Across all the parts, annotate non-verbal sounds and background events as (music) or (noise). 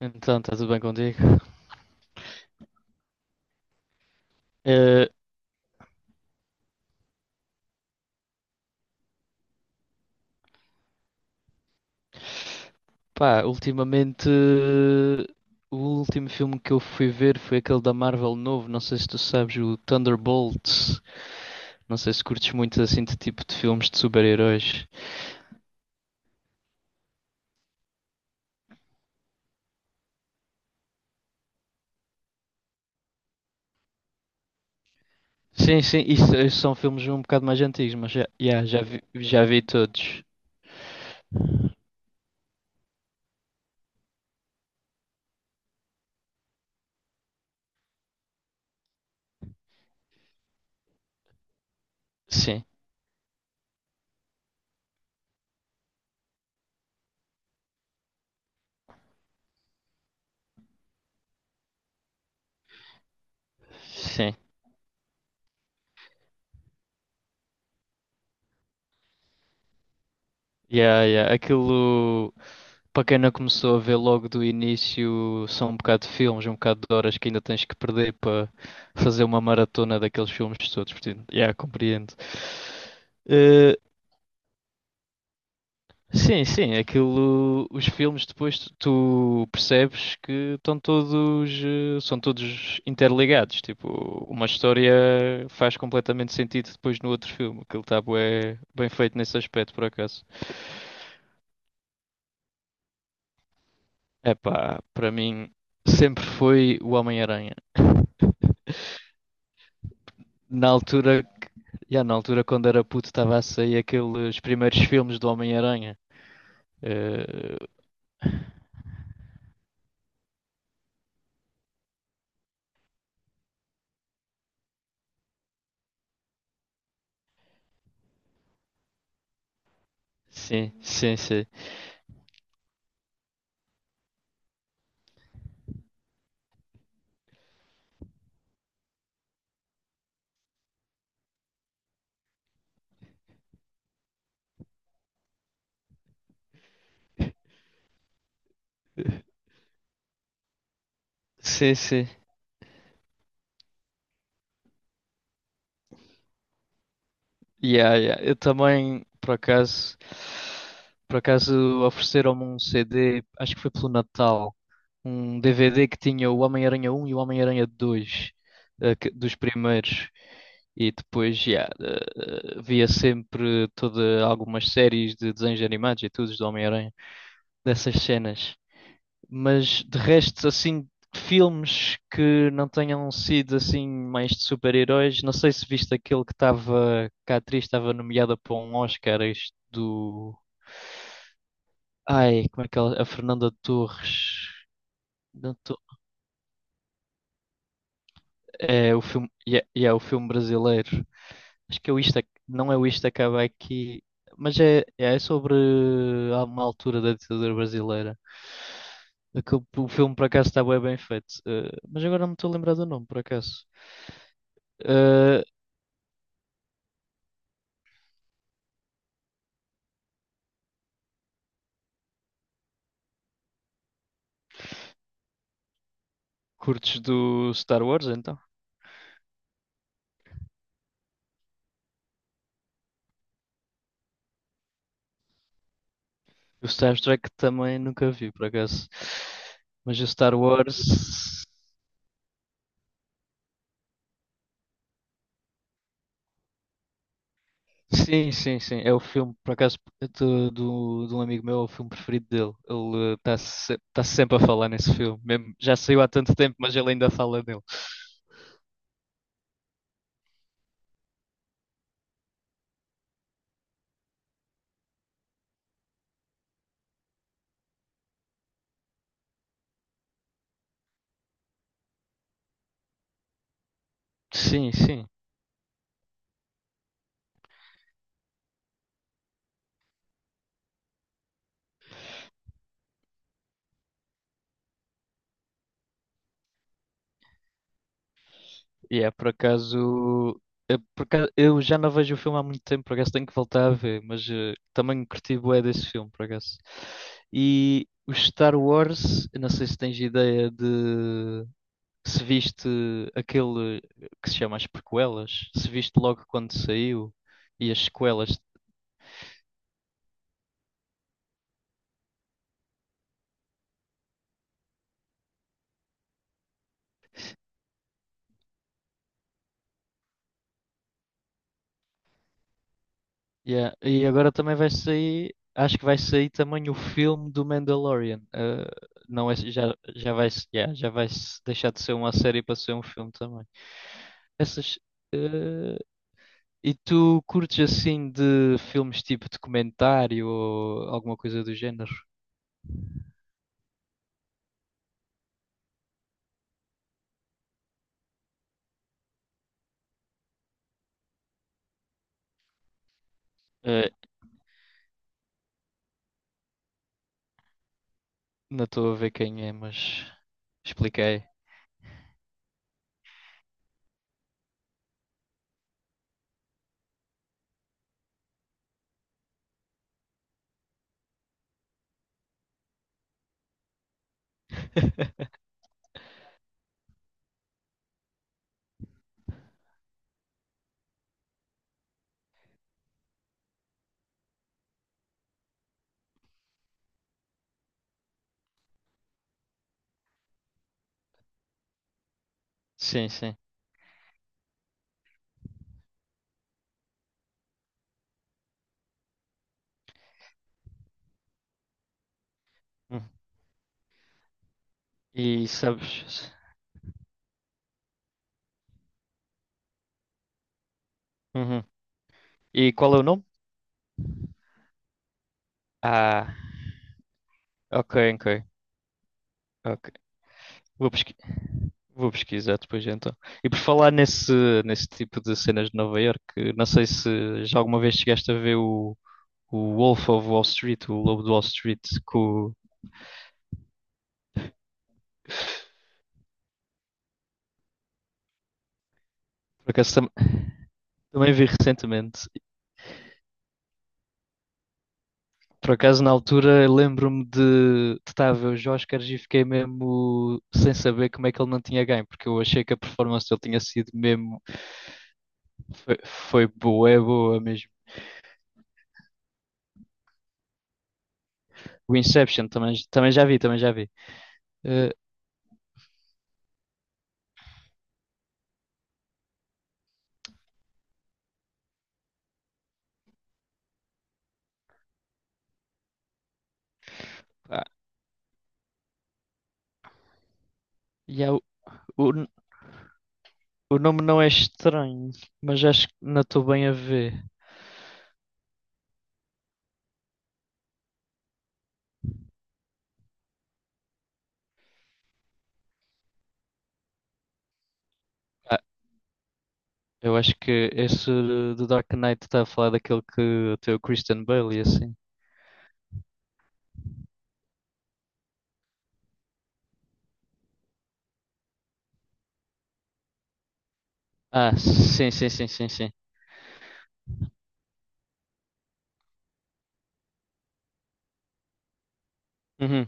Então, está tudo bem contigo? Eh, pá, ultimamente, o último filme que eu fui ver foi aquele da Marvel novo. Não sei se tu sabes, o Thunderbolts. Não sei se curtes muito assim de tipo de filmes de super-heróis. Sim, sim, isso são filmes um bocado mais antigos, mas já, yeah, já vi todos. Sim, sim. Yeah, yeah. Aquilo, para quem não começou a ver logo do início, são um bocado de filmes, um bocado de horas que ainda tens que perder fazer uma maratona daqueles filmes todos, portanto, yeah, compreendo. Eh, sim, sim, aquilo, os filmes depois tu percebes que estão todos, são todos interligados, tipo, uma história faz completamente sentido depois no outro filme, aquilo está bué, bem feito nesse aspecto, por acaso. Epá, para mim sempre foi o Homem-Aranha. Na altura, já na altura quando era puto estava a sair aqueles primeiros filmes do Homem-Aranha. Eh, Sim, sim, sim. Sim, sim. Yeah, yeah. Eu também, por acaso ofereceram-me um CD, acho que foi pelo Natal, um DVD que tinha o Homem-Aranha um e o Homem-Aranha 2 dos primeiros. E depois, yeah, via sempre toda, algumas séries de desenhos animados e tudo do Homem-Aranha, dessas cenas. Mas de resto, assim, filmes que não tenham sido assim mais de super-heróis, não sei se viste aquele que estava, que a atriz estava nomeada para um Oscar, este do. Ai, como é que ela. A Fernanda Torres. Não. É o filme, e é o filme brasileiro. Acho que é o Isto, não é o Isto Acaba Aqui, mas é, é sobre há uma altura da ditadura brasileira. Que o filme por acaso está bué bem feito. Mas agora não me estou a lembrar do nome, por acaso. Eh, curtes do Star Wars então? O Star Trek também nunca vi, por acaso. Mas o Star Wars. Sim, sim, sim. É o filme, por acaso, de um amigo meu, é o filme preferido dele. Ele está se, tá sempre a falar nesse filme. Mesmo- já saiu há tanto tempo, mas ele ainda fala dele. Sim, sim. E é por acaso. É por acaso- Eu já não vejo o filme há muito tempo, por acaso tenho que voltar a ver, mas também curti bué desse filme, por acaso. E o Star Wars, eu não sei se tens ideia de. Se viste aquele que se chama as prequelas, se viste logo quando saiu e as sequelas. Yeah. E agora também vai sair, acho que vai sair também o filme do Mandalorian. Não é, já vai, yeah, já vai se deixar de ser uma série para ser um filme também. Essas, eh, e tu curtes assim de filmes tipo documentário ou alguma coisa do género? Não estou a ver quem é, mas expliquei. (laughs) Sim, sim. Hum. E sabes? Uhum. E qual é o nome? Ah, ok, ok, ok. Vou pesqui- vou pesquisar depois então. E por falar nesse tipo de cenas de Nova Iorque, não sei se já alguma vez chegaste a ver o Wolf of Wall Street, o Lobo de Wall Street, por também vi recentemente. Por acaso, na altura, eu lembro-me de estar a ver os Oscars e fiquei mesmo sem saber como é que ele não tinha ganho, porque eu achei que a performance dele tinha sido mesmo. Foi, foi boa, é boa mesmo. O Inception também, também já vi. Eh, pá, e há o, o nome não é estranho, mas acho que não estou bem a ver. Ah, eu acho que esse do Dark Knight está a falar daquele que tem o Christian Bale e assim. Ah, sim, sim, sim, sim, sim. Uhum.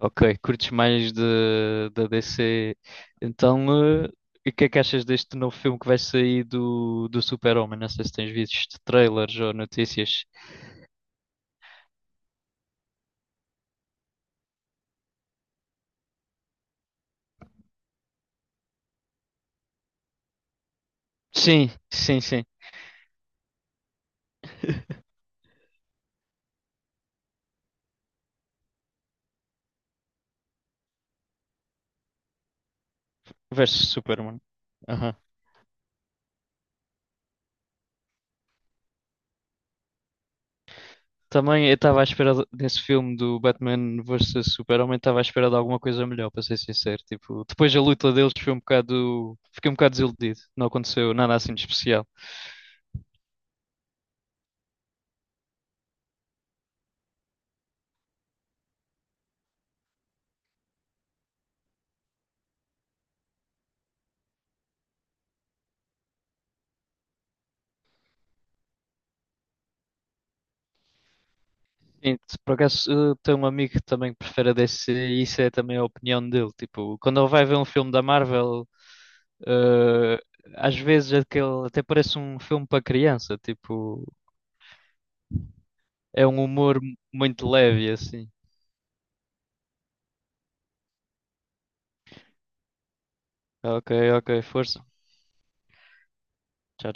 Ok, curtes mais da DC. Então, e o que é que achas deste novo filme que vai sair do Super-Homem? Não sei se tens visto trailers ou notícias. Sim, sim, sim. (laughs) Versus Superman. Também eu estava à nesse filme do Batman vs Super-Homem, estava à espera de alguma coisa melhor, para ser sincero. Tipo, depois a luta deles foi um bocado. Fiquei um bocado desiludido. Não aconteceu nada assim de especial. Sim, se por acaso tenho um amigo que também prefere a DC e isso é também a opinião dele. Tipo, quando ele vai ver um filme da Marvel, Eh, às vezes aquele até parece um filme para criança, tipo, é um humor muito leve assim. Ok, ok, força. Tchau.